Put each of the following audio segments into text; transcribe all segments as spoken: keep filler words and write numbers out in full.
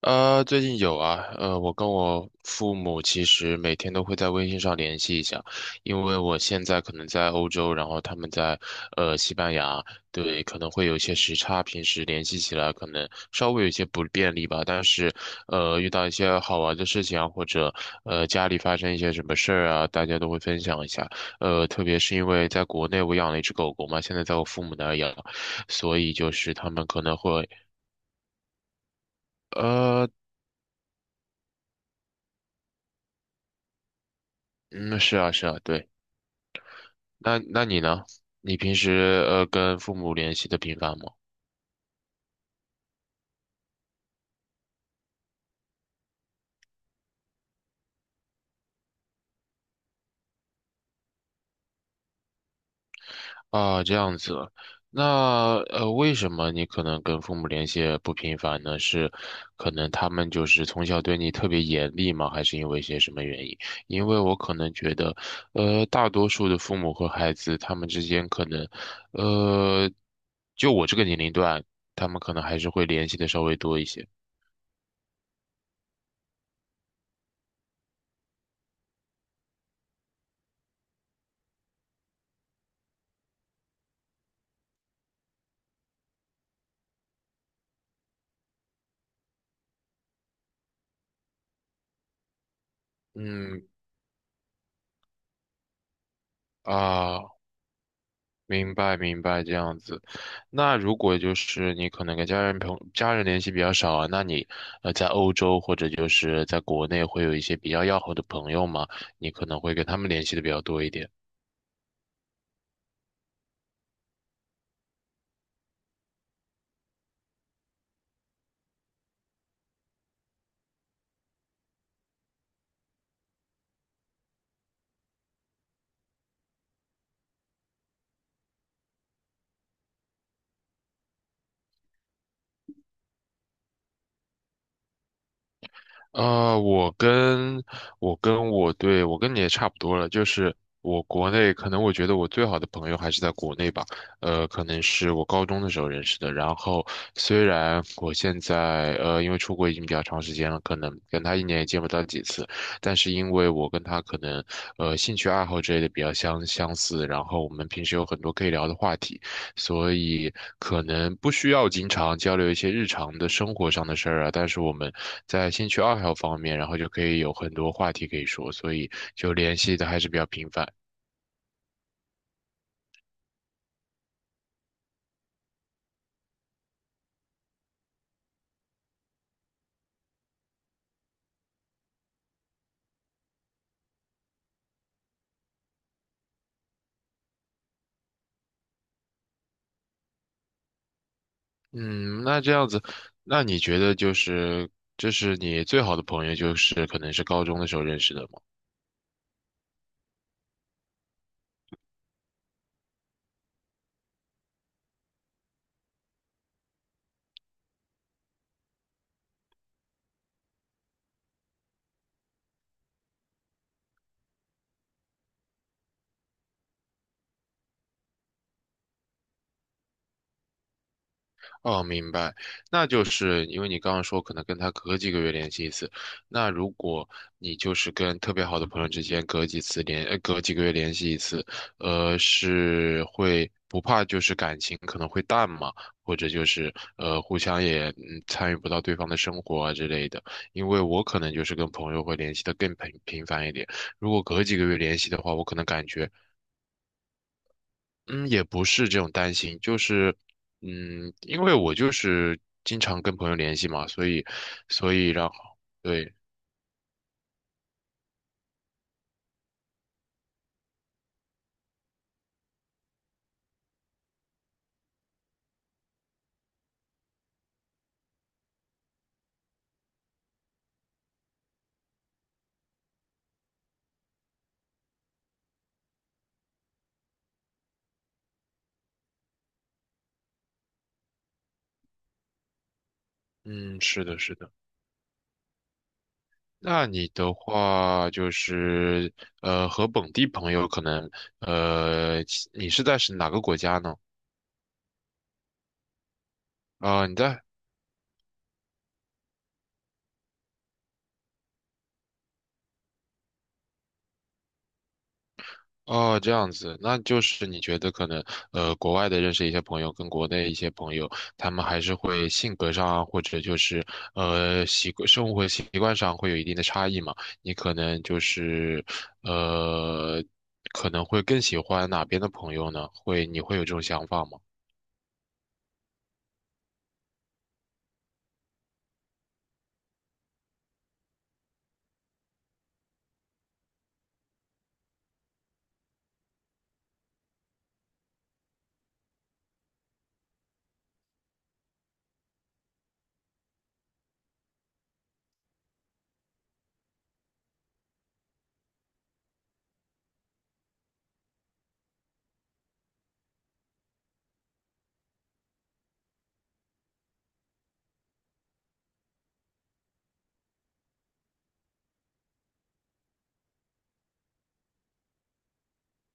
呃，最近有啊，呃，我跟我父母其实每天都会在微信上联系一下，因为我现在可能在欧洲，然后他们在呃西班牙，对，可能会有一些时差，平时联系起来可能稍微有一些不便利吧，但是呃遇到一些好玩的事情啊，或者呃家里发生一些什么事儿啊，大家都会分享一下。呃，特别是因为在国内我养了一只狗狗嘛，现在在我父母那儿养，所以就是他们可能会呃。嗯，是啊，是啊，对。那那你呢？你平时呃跟父母联系的频繁吗？啊，这样子。那呃，为什么你可能跟父母联系不频繁呢？是可能他们就是从小对你特别严厉吗？还是因为一些什么原因？因为我可能觉得，呃，大多数的父母和孩子他们之间可能，呃，就我这个年龄段，他们可能还是会联系的稍微多一些。嗯啊。明白明白，这样子。那如果就是你可能跟家人朋家人联系比较少啊，那你呃在欧洲或者就是在国内会有一些比较要好的朋友嘛，你可能会跟他们联系的比较多一点。呃，我跟我跟我对我跟你也差不多了，就是我国内可能我觉得我最好的朋友还是在国内吧。呃，可能是我高中的时候认识的。然后虽然我现在呃因为出国已经比较长时间了，可能跟他一年也见不到几次，但是因为我跟他可能呃兴趣爱好之类的比较相相似，然后我们平时有很多可以聊的话题。所以可能不需要经常交流一些日常的生活上的事儿啊，但是我们在兴趣爱好方面，然后就可以有很多话题可以说，所以就联系的还是比较频繁。嗯，那这样子，那你觉得就是这是你最好的朋友，就是可能是高中的时候认识的吗？哦，明白，那就是因为你刚刚说可能跟他隔几个月联系一次，那如果你就是跟特别好的朋友之间隔几次联，呃，隔几个月联系一次，呃，是会不怕就是感情可能会淡嘛，或者就是呃互相也嗯参与不到对方的生活啊之类的，因为我可能就是跟朋友会联系的更频频繁一点，如果隔几个月联系的话，我可能感觉嗯，也不是这种担心，就是，嗯，因为我就是经常跟朋友联系嘛，所以，所以然后，对。嗯，是的，是的。那你的话就是，呃，和本地朋友可能，呃，你是在是哪个国家呢？啊、你在哦，这样子，那就是你觉得可能，呃，国外的认识一些朋友，跟国内一些朋友，他们还是会性格上啊，或者就是呃习惯生活习惯上会有一定的差异嘛？你可能就是呃，可能会更喜欢哪边的朋友呢？会，你会有这种想法吗？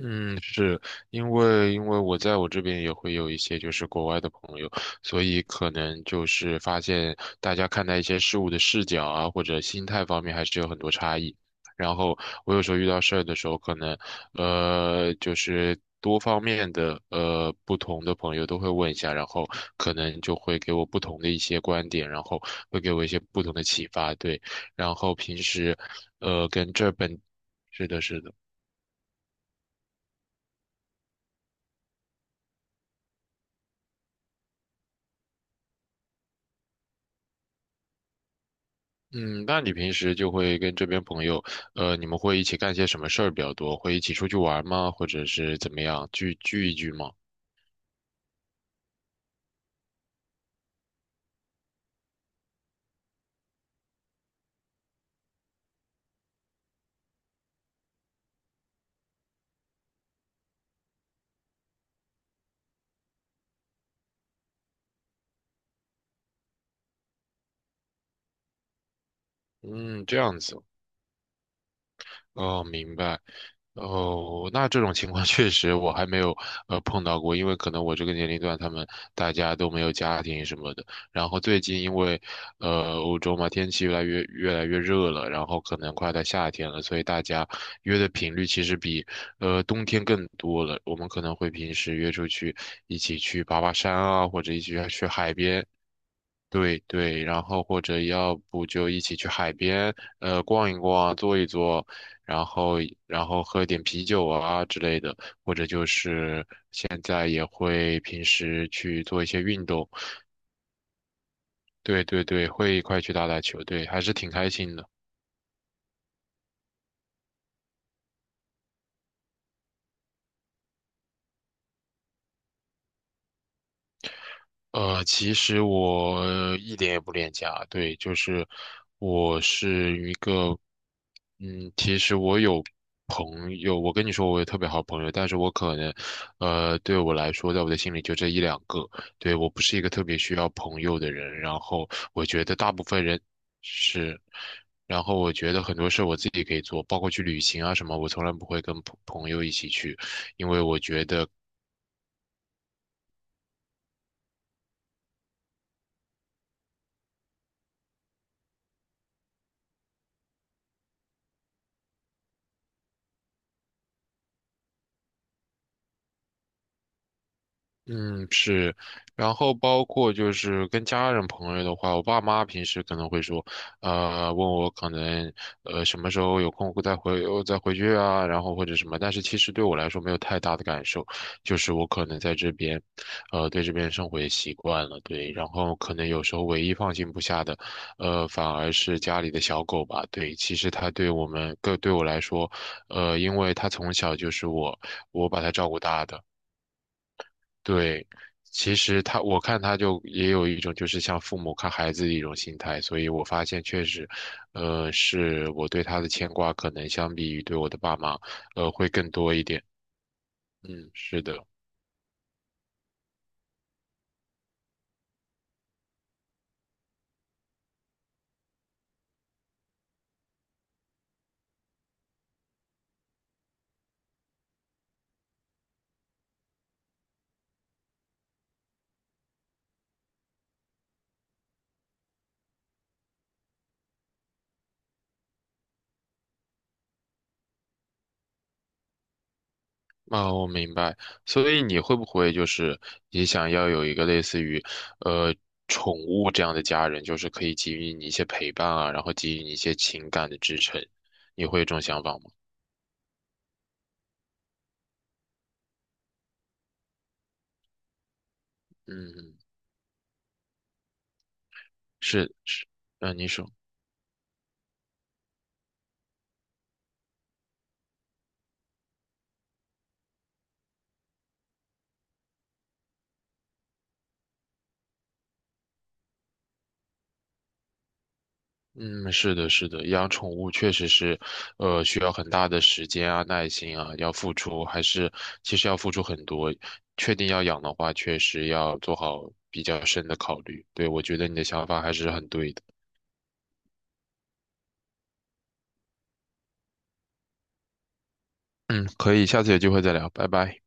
嗯，是因为因为我在我这边也会有一些就是国外的朋友，所以可能就是发现大家看待一些事物的视角啊，或者心态方面还是有很多差异。然后我有时候遇到事儿的时候，可能呃就是多方面的呃不同的朋友都会问一下，然后可能就会给我不同的一些观点，然后会给我一些不同的启发，对。然后平时呃跟这本是的是的。嗯，那你平时就会跟这边朋友，呃，你们会一起干些什么事儿比较多？会一起出去玩吗？或者是怎么样，聚聚一聚吗？嗯，这样子。哦，明白。哦，那这种情况 确实我还没有呃碰到过，因为可能我这个年龄段他们大家都没有家庭什么的。然后最近因为呃欧洲嘛，天气越来越越来越热了，然后可能快到夏天了，所以大家约的频率其实比呃冬天更多了。我们可能会平时约出去一起去爬爬山啊，或者一起去去海边对对，然后或者要不就一起去海边，呃，逛一逛，坐一坐，然后然后喝点啤酒啊之类的，或者就是现在也会平时去做一些运动，对对对，会一块去打打球，对，还是挺开心的。呃，其实我一点也不恋家，对，就是我是一个，嗯，其实我有朋友，我跟你说我有特别好朋友，但是我可能，呃，对我来说，在我的心里就这一两个，对，我不是一个特别需要朋友的人，然后我觉得大部分人是，然后我觉得很多事我自己可以做，包括去旅行啊什么，我从来不会跟朋朋友一起去，因为我觉得。嗯，是，然后包括就是跟家人朋友的话，我爸妈平时可能会说，呃，问我可能呃什么时候有空会再回我再回去啊，然后或者什么，但是其实对我来说没有太大的感受，就是我可能在这边，呃，对这边生活也习惯了，对，然后可能有时候唯一放心不下的，呃，反而是家里的小狗吧，对，其实它对我们，对对我来说，呃，因为它从小就是我我把它照顾大的。对，其实他，我看他就也有一种就是像父母看孩子的一种心态，所以我发现确实，呃，是我对他的牵挂可能相比于对我的爸妈，呃，会更多一点。嗯，是的，啊，我明白。所以你会不会就是也想要有一个类似于，呃，宠物这样的家人，就是可以给予你一些陪伴啊，然后给予你一些情感的支撑，你会有这种想法吗？嗯，嗯是是，嗯，你说。嗯，是的，是的，养宠物确实是，呃，需要很大的时间啊、耐心啊，要付出，还是其实要付出很多。确定要养的话，确实要做好比较深的考虑。对，我觉得你的想法还是很对的。嗯，可以，下次有机会再聊，拜拜。